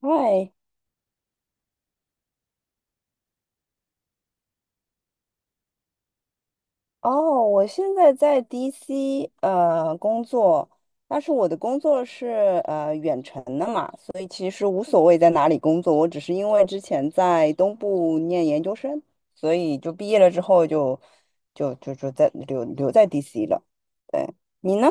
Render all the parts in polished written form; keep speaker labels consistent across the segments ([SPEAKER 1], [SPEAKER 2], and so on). [SPEAKER 1] 嗨，哦，我现在在 DC 工作，但是我的工作是远程的嘛，所以其实无所谓在哪里工作，我只是因为之前在东部念研究生，所以就毕业了之后就在留在 DC 了。对，你呢？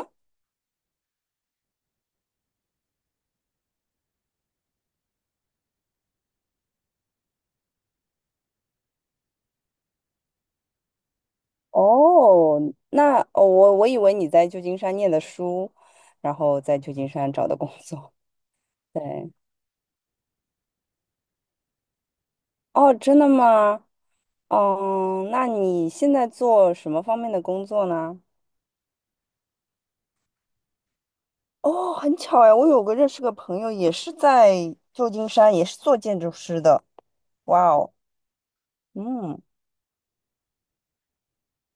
[SPEAKER 1] 哦，那哦我以为你在旧金山念的书，然后在旧金山找的工作。对，哦，真的吗？嗯，那你现在做什么方面的工作呢？哦，很巧呀，我有个认识个朋友，也是在旧金山，也是做建筑师的。哇哦，嗯，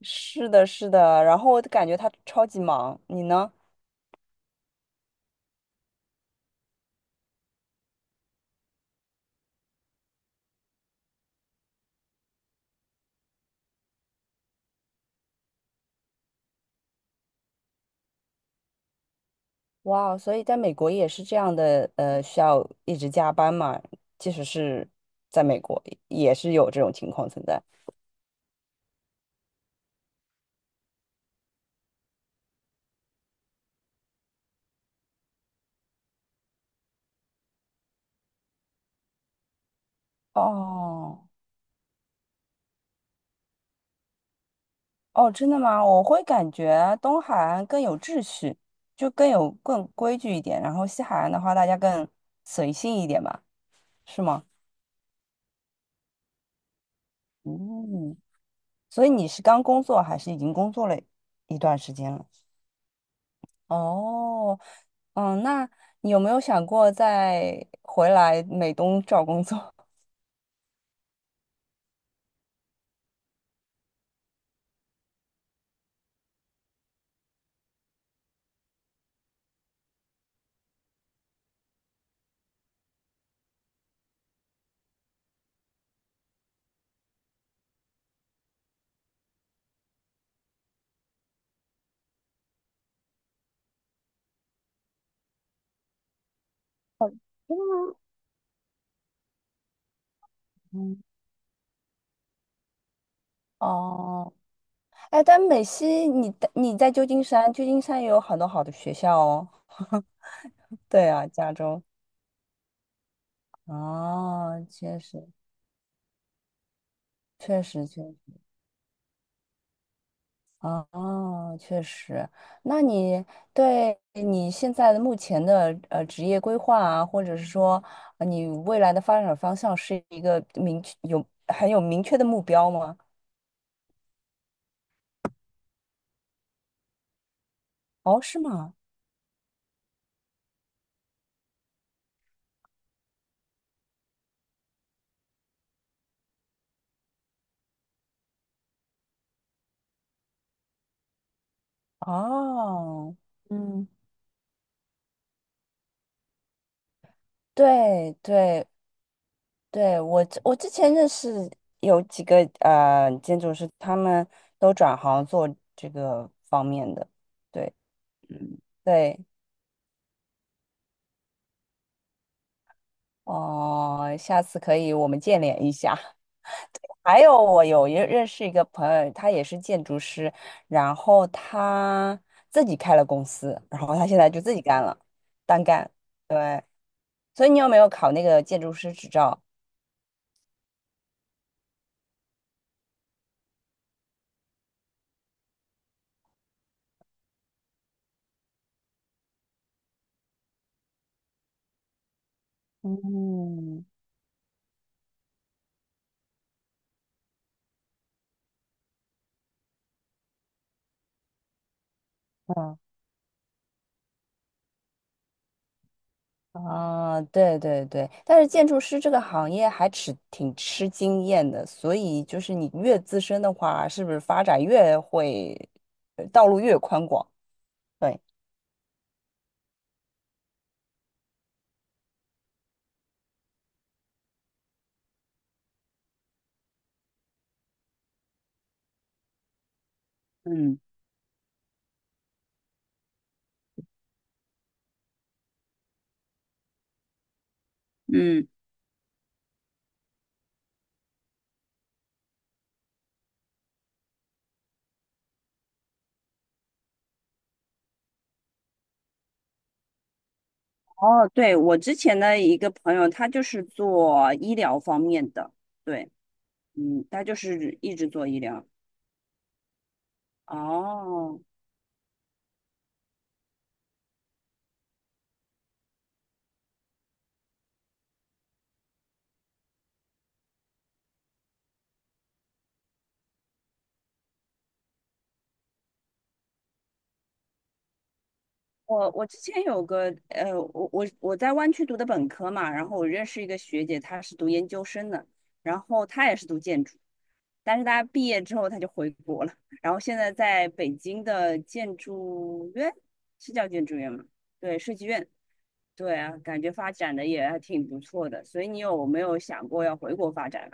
[SPEAKER 1] 是的，是的。然后我感觉他超级忙，你呢？哇哦，所以在美国也是这样的，呃，需要一直加班嘛，即使是在美国，也是有这种情况存在。哦。哦，真的吗？我会感觉东海岸更有秩序，就更有更规矩一点，然后西海岸的话，大家更随性一点吧，是吗？嗯，所以你是刚工作还是已经工作了一段时间了？哦，嗯，那你有没有想过再回来美东找工作？嗯，哦，哎，但美西你在旧金山，旧金山也有很多好的学校哦。对啊，加州。哦，确实。确实，确实，哦，确实。那你对你现在的目前的职业规划啊，或者是说你未来的发展方向，是一个明确有很有明确的目标吗？哦，是吗？哦，嗯对对对，我之前认识有几个建筑师，他们都转行做这个方面的。对，嗯，对。哦，下次可以我们见联一下。还有，我有一认识一个朋友，他也是建筑师，然后他自己开了公司，然后他现在就自己干了，单干。所以你有没有考那个建筑师执照？嗯啊啊，对对对，但是建筑师这个行业还吃挺吃经验的，所以就是你越资深的话，是不是发展越会，道路越宽广？对。嗯哦，对，我之前的一个朋友，他就是做医疗方面的，对，嗯，他就是一直做医疗。哦，我我之前有个，我我在湾区读的本科嘛，然后我认识一个学姐，她是读研究生的，然后她也是读建筑，但是她毕业之后她就回国了，然后现在在北京的建筑院，是叫建筑院吗？对，设计院。对啊，感觉发展的也还挺不错的，所以你有没有想过要回国发展？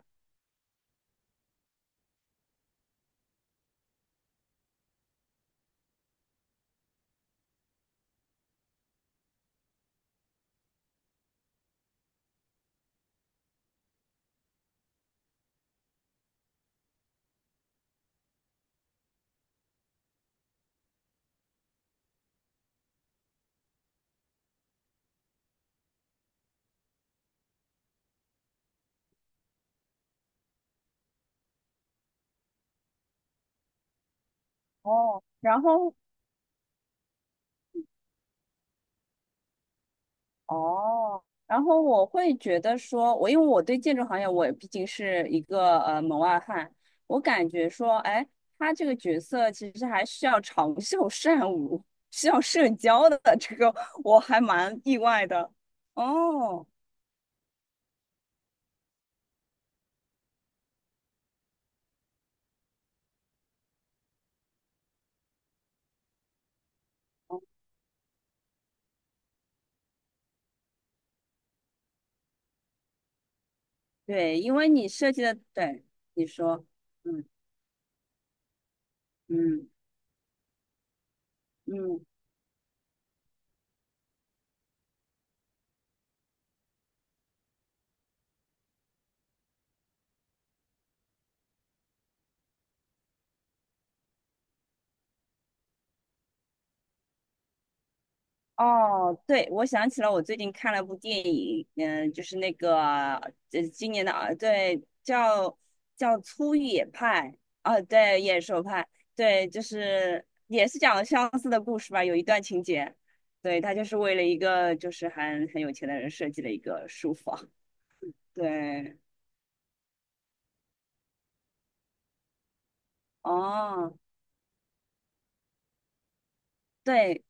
[SPEAKER 1] 哦，然后哦，然后我会觉得说，我因为我对建筑行业，我毕竟是一个门外汉，我感觉说，哎，他这个角色其实还需要长袖善舞，需要社交的，这个我还蛮意外的。哦，对，因为你设计的，对，你说，嗯嗯嗯。哦，对，我想起了我最近看了部电影，嗯、就是那个今年的啊，对，叫《粗野派》啊，对，《野兽派》，对，就是也是讲了相似的故事吧，有一段情节，对，他就是为了一个就是很有钱的人设计了一个书房，对，哦。对，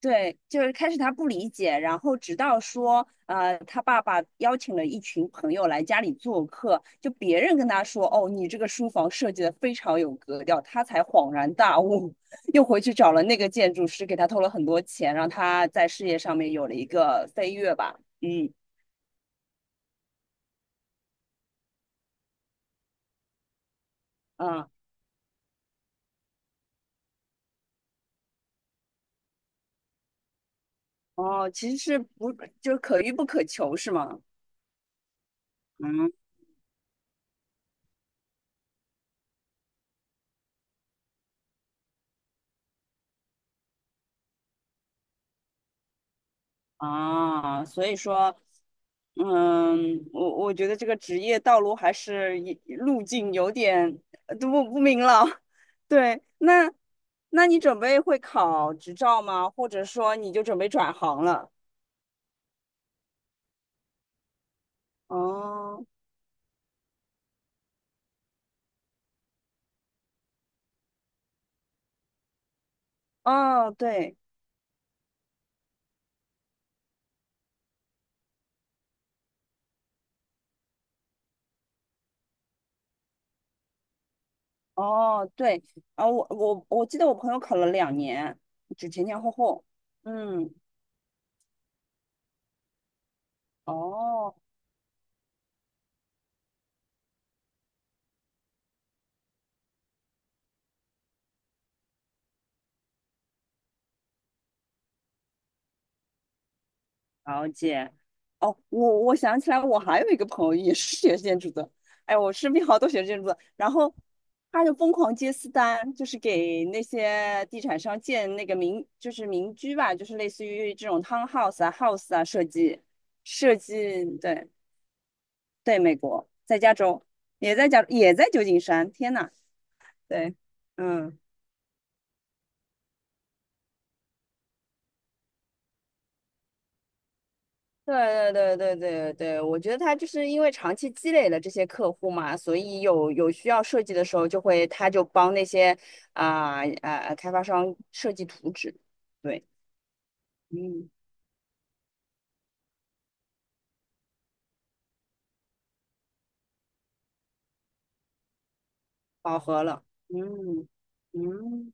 [SPEAKER 1] 对，就是开始他不理解，然后直到说，呃，他爸爸邀请了一群朋友来家里做客，就别人跟他说，哦，你这个书房设计的非常有格调，他才恍然大悟，又回去找了那个建筑师，给他投了很多钱，让他在事业上面有了一个飞跃吧。嗯啊，哦，其实是不，就是可遇不可求，是吗？嗯啊，所以说。嗯，我觉得这个职业道路还是也路径有点都不明朗。对，那你准备会考执照吗？或者说你就准备转行了？哦哦，对，哦对，啊，我记得我朋友考了两年，就前前后后。嗯，哦。了解。哦，我想起来，我还有一个朋友也是学建筑的。哎，我身边好多学建筑的，然后他就疯狂接私单，就是给那些地产商建那个民，就是民居吧，就是类似于这种 townhouse 啊、house 啊设计，设计，对对，美国在加州，也在加，也在旧金山。天呐，对，嗯。对对对对对对，我觉得他就是因为长期积累了这些客户嘛，所以有需要设计的时候，就会他就帮那些啊啊、开发商设计图纸，对，嗯，饱和了，嗯嗯，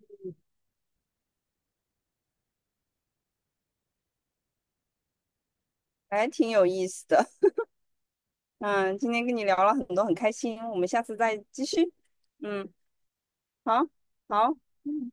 [SPEAKER 1] 还挺有意思的，嗯，今天跟你聊了很多，很开心，我们下次再继续，嗯，好，好。嗯。